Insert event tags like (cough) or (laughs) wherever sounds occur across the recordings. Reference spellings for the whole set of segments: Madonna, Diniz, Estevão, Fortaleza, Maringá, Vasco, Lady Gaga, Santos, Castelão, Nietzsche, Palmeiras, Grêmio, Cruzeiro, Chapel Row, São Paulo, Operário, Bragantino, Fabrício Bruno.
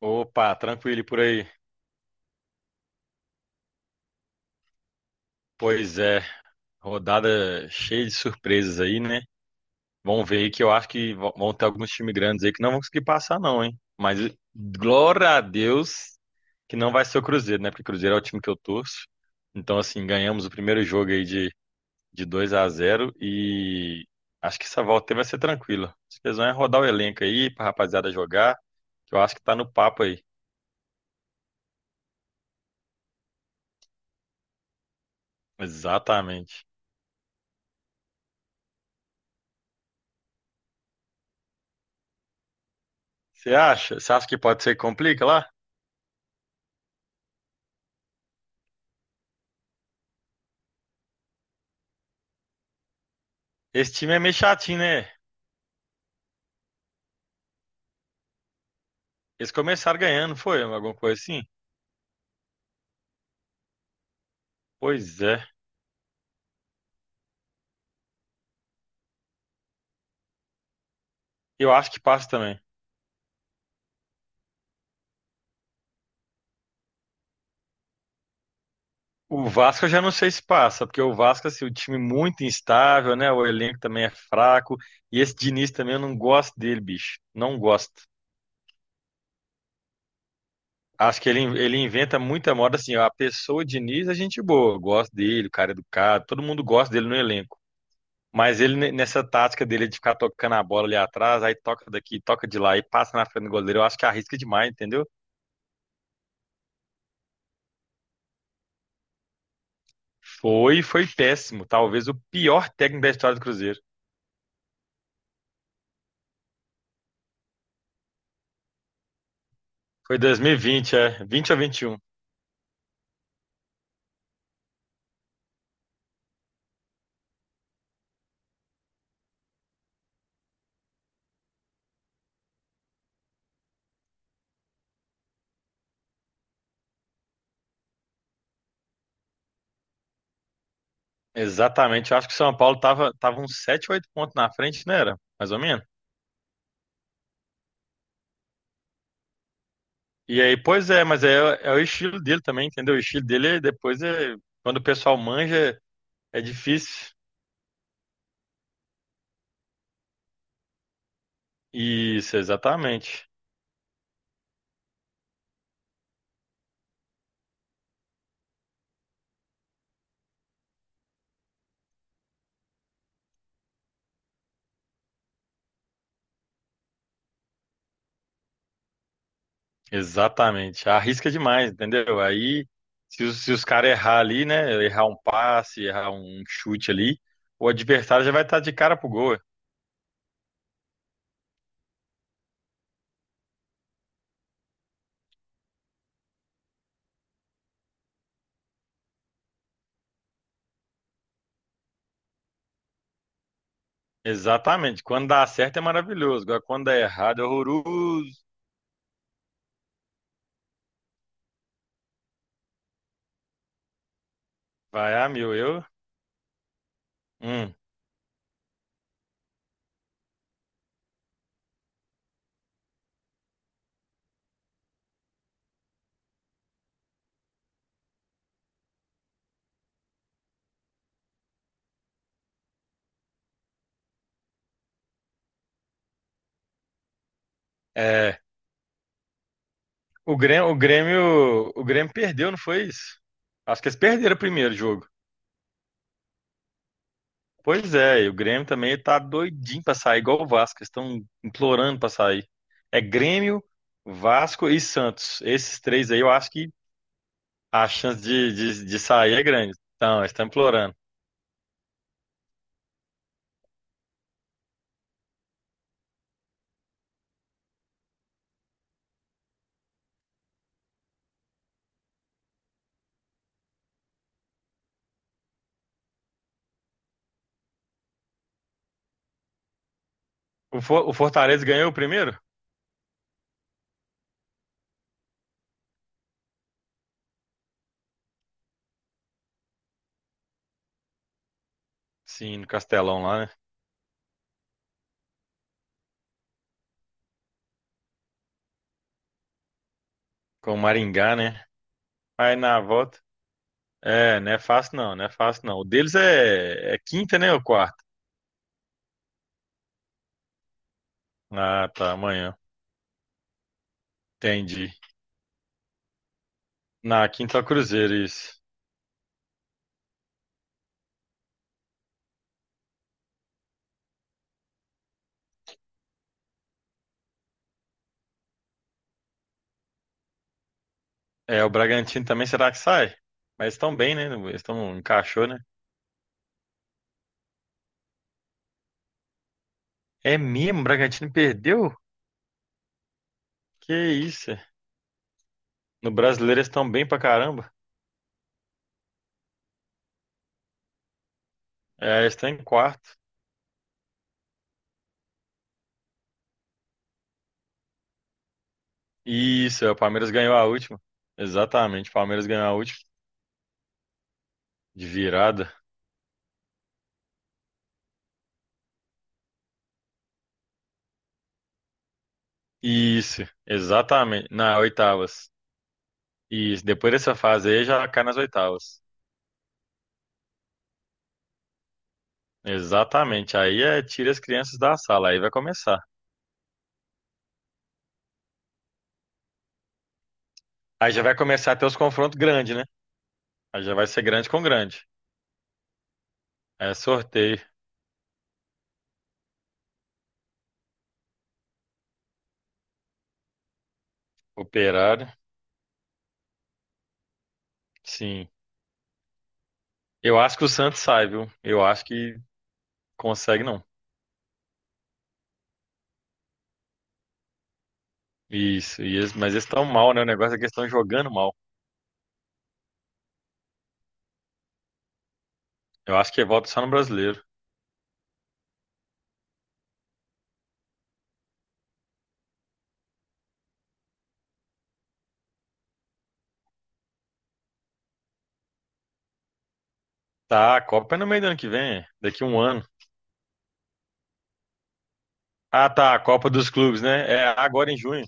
Opa, tranquilo e por aí. Pois é, rodada cheia de surpresas aí, né? Vamos ver aí que eu acho que vão ter alguns times grandes aí que não vão conseguir passar, não, hein? Mas glória a Deus que não vai ser o Cruzeiro, né? Porque o Cruzeiro é o time que eu torço. Então, assim, ganhamos o primeiro jogo aí de 2-0 e acho que essa volta aí vai ser tranquila. Vocês vão é rodar o elenco aí pra rapaziada jogar, que eu acho que tá no papo aí. Exatamente. Você acha? Você acha que pode ser que complica lá? Esse time é meio chatinho, né? Eles começaram ganhando, foi? Alguma coisa assim? Pois é. Eu acho que passa também. O Vasco eu já não sei se passa, porque o Vasco, assim, o time muito instável, né? O elenco também é fraco. E esse Diniz também eu não gosto dele, bicho. Não gosto. Acho que ele inventa muita moda, assim, ó, a pessoa Diniz é gente boa. Eu gosto dele, o cara é educado, todo mundo gosta dele no elenco. Mas ele, nessa tática dele de ficar tocando a bola ali atrás, aí toca daqui, toca de lá e passa na frente do goleiro, eu acho que arrisca demais, entendeu? Foi, foi péssimo. Talvez o pior técnico da história do Cruzeiro. Foi 2020, é, 20 ou 21. Exatamente. Eu acho que o São Paulo tava uns 7 ou 8 pontos na frente, não era? Mais ou menos. E aí, pois é, mas é, é o estilo dele também, entendeu? O estilo dele é, depois é. Quando o pessoal manja, é difícil. Isso, exatamente. Exatamente. Arrisca demais, entendeu? Aí, se os caras errar ali, né? Errar um passe, errar um chute ali, o adversário já vai estar de cara pro gol. É. Exatamente. Quando dá certo é maravilhoso. Agora, quando dá errado é horroroso. Vai a mil. Eu. Hum. É. O Grêmio perdeu, não foi isso? Acho que eles perderam o primeiro jogo. Pois é, e o Grêmio também tá doidinho pra sair, igual o Vasco. Eles estão implorando pra sair. É Grêmio, Vasco e Santos. Esses três aí eu acho que a chance de sair é grande. Então, eles estão implorando. O Fortaleza ganhou o primeiro? Sim, no Castelão lá, né? Com o Maringá, né? Aí na volta. É, não é fácil não, não é fácil não. O deles é quinta, né? Ou quarta? Ah, tá, amanhã. Entendi. Na quinta é o Cruzeiro, isso. É, o Bragantino também, será que sai? Mas estão bem, né? Eles estão, encaixou, né? É mesmo, o Bragantino perdeu? Que isso? É? No Brasileiro eles estão bem pra caramba. É, eles estão em quarto. Isso, é, o Palmeiras ganhou a última. Exatamente, o Palmeiras ganhou a última. De virada. Isso, exatamente. Na oitavas. E depois dessa fase aí já cai nas oitavas. Exatamente. Aí é tira as crianças da sala, aí vai começar. Aí já vai começar a ter os confrontos grandes, né? Aí já vai ser grande com grande. É sorteio, Operário, sim. Eu acho que o Santos sai, viu? Eu acho que consegue não. Isso, e mas eles estão mal, né? O negócio é que eles estão jogando mal. Eu acho que volta só no brasileiro. Tá, a Copa é no meio do ano que vem, é, daqui um ano. Ah, tá, a Copa dos Clubes, né? É agora em junho.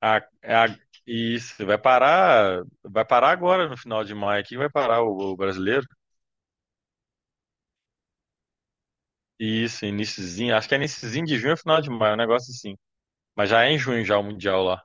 A, é a- isso, vai parar agora no final de maio aqui, vai parar o brasileiro. Isso, iniciozinho, acho que é iniciozinho de junho ou final de maio, um negócio assim. Mas já é em junho já o Mundial lá.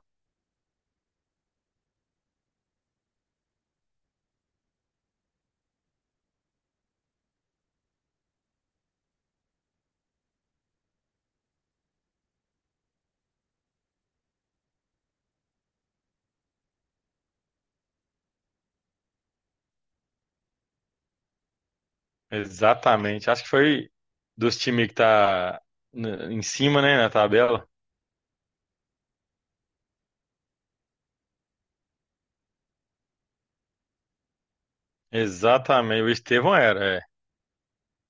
Exatamente. Acho que foi dos times que tá em cima, né, na tabela. Exatamente. O Estevão era, é.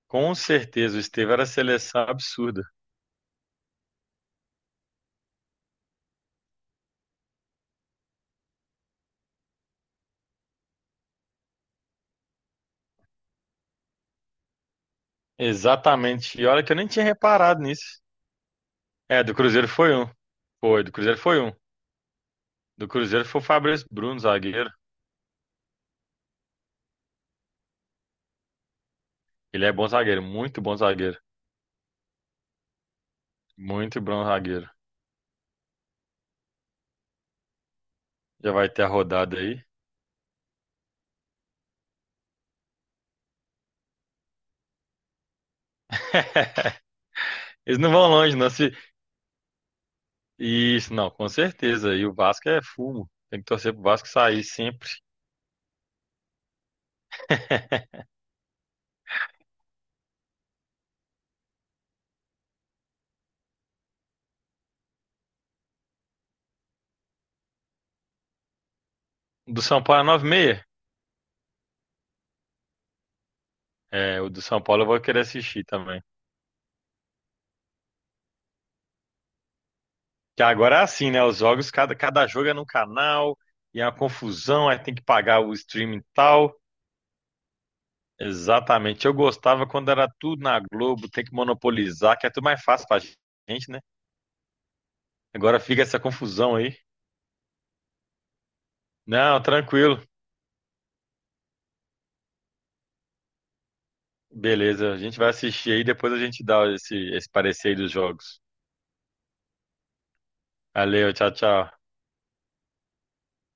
Com certeza, o Estevão era seleção absurda. Exatamente. E olha que eu nem tinha reparado nisso. É, do Cruzeiro foi um. Foi, do Cruzeiro foi um. Do Cruzeiro foi o Fabrício Bruno, zagueiro. Ele é bom zagueiro, muito bom zagueiro. Muito bom zagueiro. Já vai ter a rodada aí. (laughs) Eles não vão longe, não. Se... Isso, não, com certeza. E o Vasco é fumo. Tem que torcer pro Vasco sair sempre. (laughs) Do São Paulo é 9h30. É, o do São Paulo eu vou querer assistir também. Que agora é assim, né? Os jogos, cada jogo é num canal, e é uma confusão, aí tem que pagar o streaming e tal. Exatamente. Eu gostava quando era tudo na Globo, tem que monopolizar, que é tudo mais fácil pra gente, né? Agora fica essa confusão aí. Não, tranquilo. Beleza, a gente vai assistir aí, depois a gente dá esse parecer aí dos jogos. Valeu, tchau, tchau.